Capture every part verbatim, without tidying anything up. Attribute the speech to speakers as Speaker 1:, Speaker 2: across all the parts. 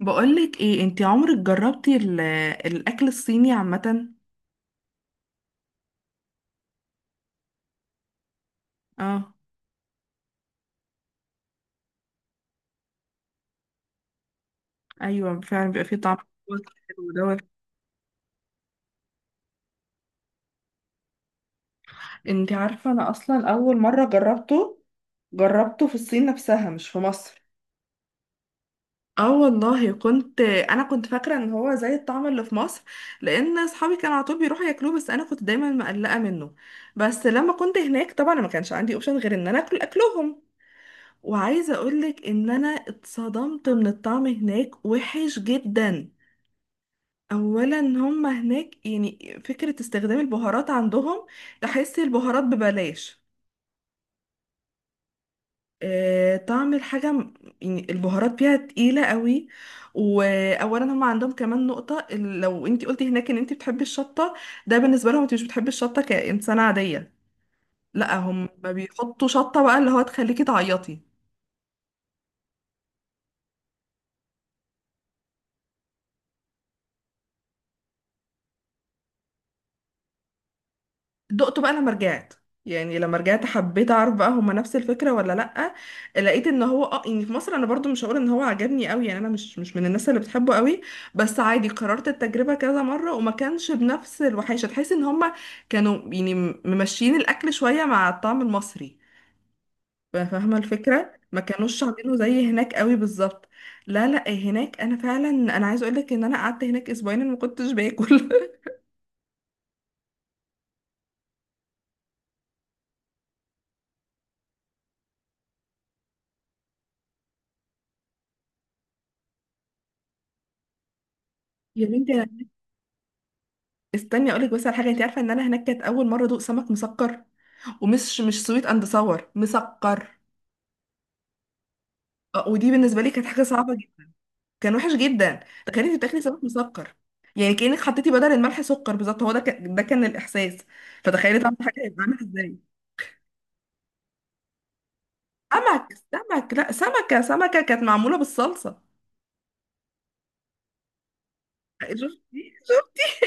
Speaker 1: بقولك ايه؟ انتي عمرك جربتي ال- الاكل الصيني عامة؟ اه، ايوه فعلا بيبقى فيه طعم حلو دوت. انتي عارفة، انا اصلا اول مرة جربته جربته في الصين نفسها، مش في مصر. اه والله، كنت انا كنت فاكرة ان هو زي الطعم اللي في مصر، لان اصحابي كانوا على طول بيروحوا ياكلوه، بس انا كنت دايما مقلقة منه. بس لما كنت هناك طبعا ما كانش عندي اوبشن غير ان انا اكل اكلهم. وعايزة اقولك ان انا اتصدمت من الطعم هناك، وحش جدا. اولا هم هناك، يعني فكرة استخدام البهارات عندهم، تحس البهارات ببلاش. آه، طعم الحاجة م- يعني البهارات فيها تقيلة قوي. وأولا هم عندهم كمان نقطة ال- لو انتي قلتي هناك ان انتي بتحبي الشطة، ده بالنسبة لهم انتي مش بتحبي الشطة كإنسانة عادية، لا هم بيحطوا شطة بقى اللي هو تخليكي تعيطي. دقته بقى لما رجعت. يعني لما رجعت حبيت اعرف بقى هما نفس الفكره ولا لا. لقيت ان هو اه يعني في مصر انا برضو مش هقول ان هو عجبني قوي، يعني انا مش مش من الناس اللي بتحبه قوي. بس عادي، قررت التجربه كذا مره وما كانش بنفس الوحشه، تحس ان هما كانوا يعني م- ممشيين الاكل شويه مع الطعم المصري. فا- فاهمه الفكره؟ ما كانوش عاملينه زي هناك قوي بالظبط. لا لا هناك انا فعلا، انا عايزه اقول لك ان انا قعدت هناك اسبوعين أنا ما كنتش باكل يا بنتي، استني اقولك بس على حاجه. انت عارفه ان انا هناك كانت اول مره ادوق سمك مسكر؟ ومش مش سويت اند صور مسكر. آه، ودي بالنسبه لي كانت حاجه صعبه جدا. كان وحش جدا. تخيلي انت بتاكلي سمك مسكر. يعني كانك حطيتي بدل الملح سكر بالظبط، هو ده كان، ده كان الاحساس. فتخيلي طعم الحاجه هيبقى عامل ازاي. سمك، سمك. لا، سمكه سمكه كانت معموله بالصلصه. شفتي؟ شفتي؟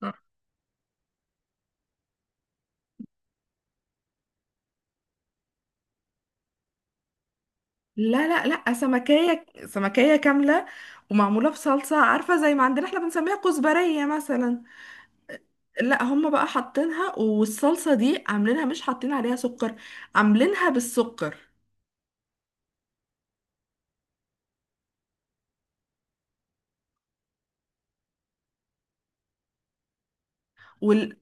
Speaker 1: لا لا لا سمكية سمكية كاملة، ومعمولة بصلصة، عارفة زي ما عندنا احنا بنسميها كزبرية مثلا. لا هم بقى حاطينها والصلصة دي عاملينها، مش حاطين عليها سكر، عاملينها بالسكر. وال...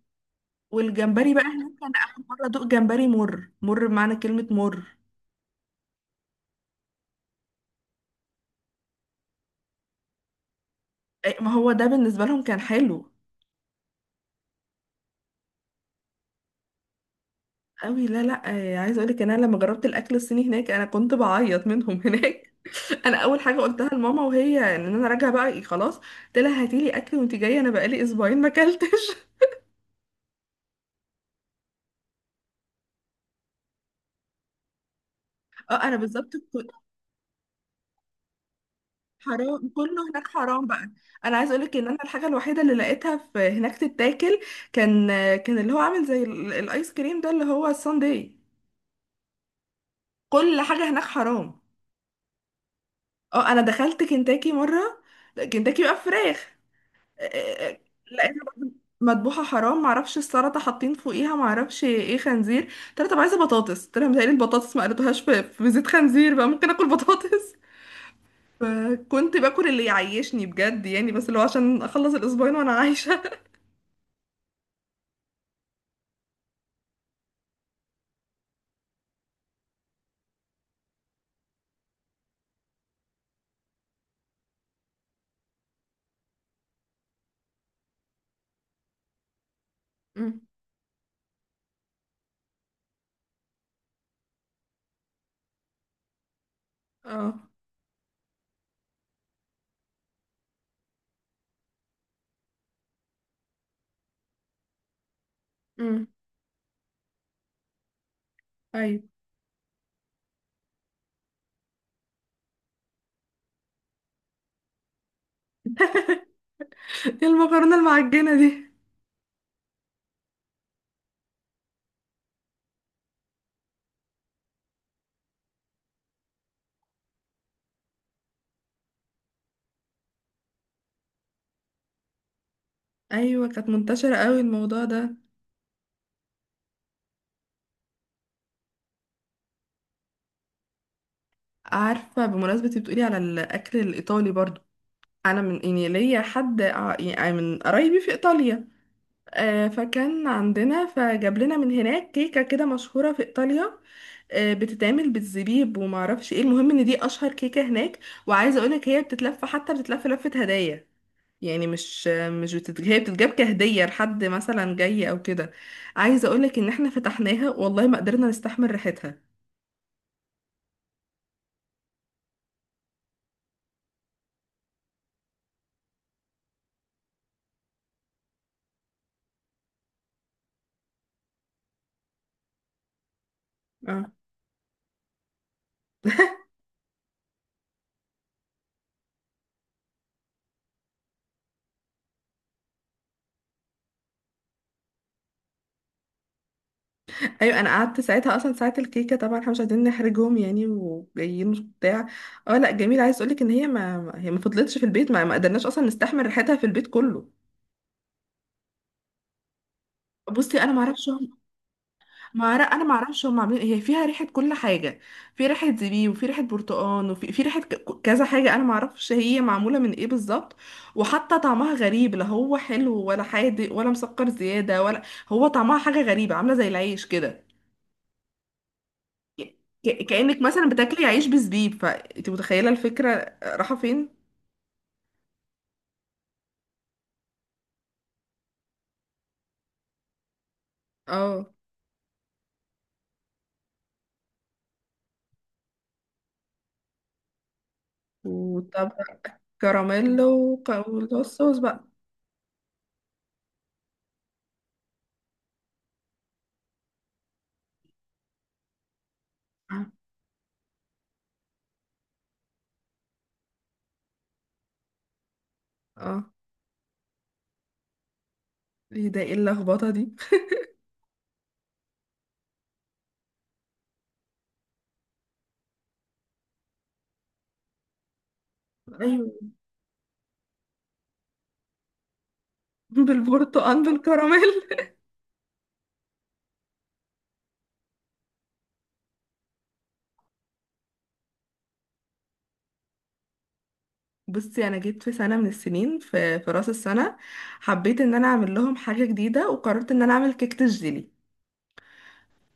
Speaker 1: والجمبري بقى هناك كان آخر مرة دوق جمبري مر، مر بمعنى كلمة مر. إيه، ما هو ده بالنسبة لهم كان حلو قوي. لا لا، إيه، عايزة اقولك ان انا لما جربت الاكل الصيني هناك انا كنت بعيط منهم هناك. انا اول حاجة قلتها لماما وهي ان انا راجعة بقى، إيه، خلاص قلت لها هاتيلي اكل وانت جاية، انا بقالي اسبوعين ما اكلتش. اه انا بالظبط. حرام كله هناك، حرام بقى. انا عايز اقولك ان انا الحاجه الوحيده اللي لقيتها في هناك تتاكل كان، كان اللي هو عامل زي ال- الايس كريم ده اللي هو الساندي. كل حاجه هناك حرام. اه انا دخلت كنتاكي مره. كنتاكي بقى فراخ. آه، آه، آه، لقيتها برضه مذبوحه حرام، معرفش السلطه حاطين فوقيها معرفش ايه خنزير. قلت لها طب عايزه بطاطس، قلت لها متهيألي البطاطس ما قلتوهاش في في زيت خنزير، بقى ممكن اكل بطاطس. فكنت باكل اللي يعيشني بجد يعني، بس اللي هو عشان اخلص الاسبوعين وانا عايشه. مم. اه. مم. ايوه. المكرونه المعجنه دي؟ ايوه كانت منتشره قوي الموضوع ده. عارفه، بمناسبه إنتي بتقولي على الاكل الايطالي برضو، انا من يعني ليا حد ع- يعني من قرايبي في ايطاليا. آه، فكان عندنا، فجاب لنا من هناك كيكه كده مشهوره في ايطاليا. آه، بتتعمل بالزبيب وما اعرفش ايه، المهم ان دي اشهر كيكه هناك. وعايزه اقولك هي بتتلف، حتى بتتلف لفه هدايا. يعني مش مش بتت... هي بتتجاب كهدية لحد مثلا جاي او كده. عايزة اقولك ان احنا فتحناها والله ما قدرنا نستحمل ريحتها. اه. ايوه انا قعدت ساعتها اصلا ساعة الكيكة، طبعا احنا مش عايزين نحرجهم يعني وجايين بتاع. اه لا جميل. عايز اقولك ان هي ما ما- هي ما فضلتش في البيت، ما ما قدرناش اصلا نستحمل ريحتها في البيت كله. بصي انا ما اعرفش. ما أعرف- انا ما اعرفش هم عاملين إيه. هي فيها ريحه كل حاجه. في ريحه زبيب وفي ريحه برتقان وفي في ريحه ك- كذا حاجه، انا ما اعرفش هي معموله من ايه بالظبط. وحتى طعمها غريب، لا هو حلو ولا حادق ولا مسكر زياده ولا، هو طعمها حاجه غريبه عامله زي العيش كده. ك- ك- كانك مثلا بتاكلي عيش بزبيب، فانت متخيله الفكره رايحه فين. اه. وطبق كراميلو وك- والصوص بقى. اه. ايه ده؟ ايه اللخبطه دي؟ ايوه. بالبرتقال بالكراميل. بصي انا جيت في سنه من السنين في في راس السنه حبيت ان انا اعمل لهم حاجه جديده، وقررت ان انا اعمل كيكه الجيلي.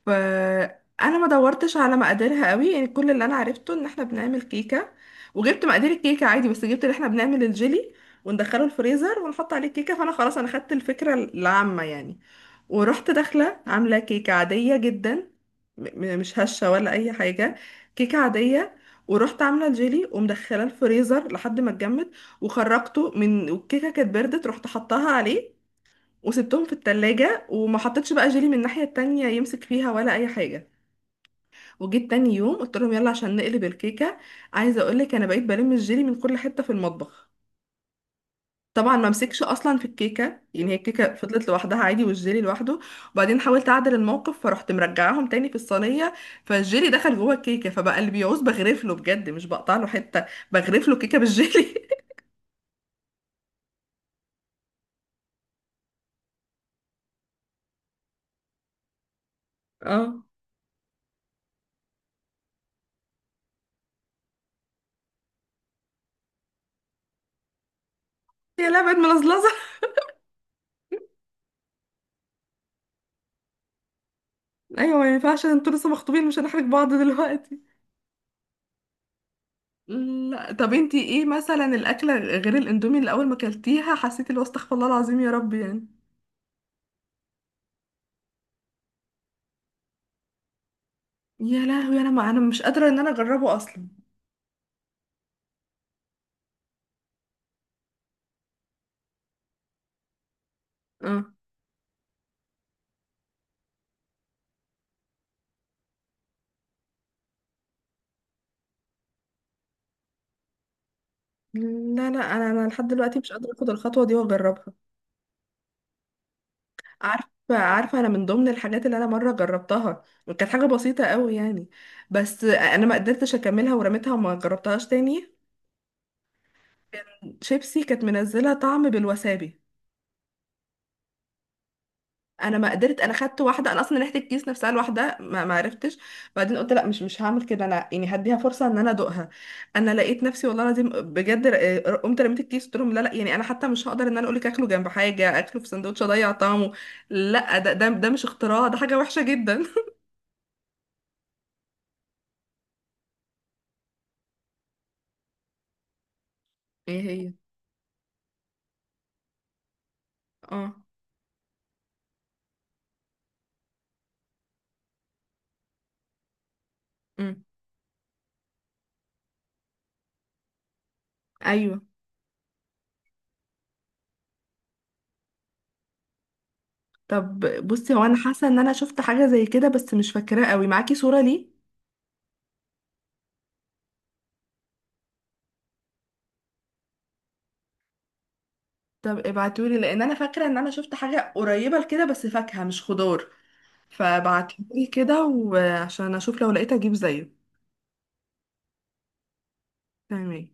Speaker 1: فانا ما دورتش على مقاديرها قوي، يعني كل اللي انا عرفته ان احنا بنعمل كيكه. وجبت مقادير الكيكه عادي، بس جبت اللي احنا بنعمل الجيلي وندخله الفريزر ونحط عليه الكيكه، فانا خلاص انا خدت الفكره العامه يعني. ورحت داخلة عاملة كيكة عادية جدا، م- م- مش هشة ولا أي حاجة، كيكة عادية. ورحت عاملة الجيلي ومدخلة الفريزر لحد ما اتجمد، وخرجته من، والكيكة كانت بردت رحت حطاها عليه، وسبتهم في التلاجة، وما حطيتش بقى جيلي من الناحية التانية يمسك فيها ولا أي حاجة. وجيت تاني يوم قلت لهم يلا عشان نقلب الكيكة. عايزة أقولك أنا بقيت بلم الجيلي من كل حتة في المطبخ. طبعا ما مسكش اصلا في الكيكه، يعني هي الكيكه فضلت لوحدها عادي والجيلي لوحده. وبعدين حاولت اعدل الموقف فرحت مرجعاهم تاني في الصينيه، فالجيلي دخل جوه الكيكه، فبقى اللي بيعوز بغرف له بجد، مش بقطع له حته، بغرف له كيكه بالجيلي. اه. يا لا بقت ملزلزه. ايوه ما ينفعش، انتوا لسه مخطوبين مش هنحرج بعض دلوقتي. لا طب انتي ايه مثلا الاكله غير الاندومي اللي اول ما اكلتيها حسيتي اللي هو استغفر الله العظيم يا رب يعني؟ يا لهوي، انا ما، انا مش قادره ان انا اجربه اصلا. اه. لا لا، انا انا لحد دلوقتي مش قادره اخد الخطوه دي واجربها. عارفه عارفه انا من ضمن الحاجات اللي انا مره جربتها وكانت حاجه بسيطه قوي يعني، بس انا ما قدرتش اكملها ورميتها وما جربتها تاني. شيبسي كانت منزله طعم بالوسابي. انا ما قدرت، انا خدت واحده، انا اصلا ريحه الكيس نفسها لوحدها ما ما عرفتش. بعدين قلت لا، مش مش هعمل كده انا يعني، هديها فرصه ان انا ادوقها. انا لقيت نفسي والله العظيم بجد ر- قمت رميت الكيس، قلت لهم لا لا، يعني انا حتى مش هقدر ان انا اقول لك اكله جنب حاجه اكله في سندوتش اضيع طعمه. لا، ده ده ده مش اختراع، ده حاجه وحشه جدا. ايه هي؟ اه. امم. ايوه. طب بصي، هو انا حاسه ان انا شفت حاجه زي كده بس مش فاكراه قوي، معاكي صوره ليه؟ طب ابعتولي، لان انا فاكره ان انا شفت حاجه قريبه لكده بس فاكهه مش خضار، فبعتهولي كده وعشان اشوف لو لقيت اجيب زيه. تمام.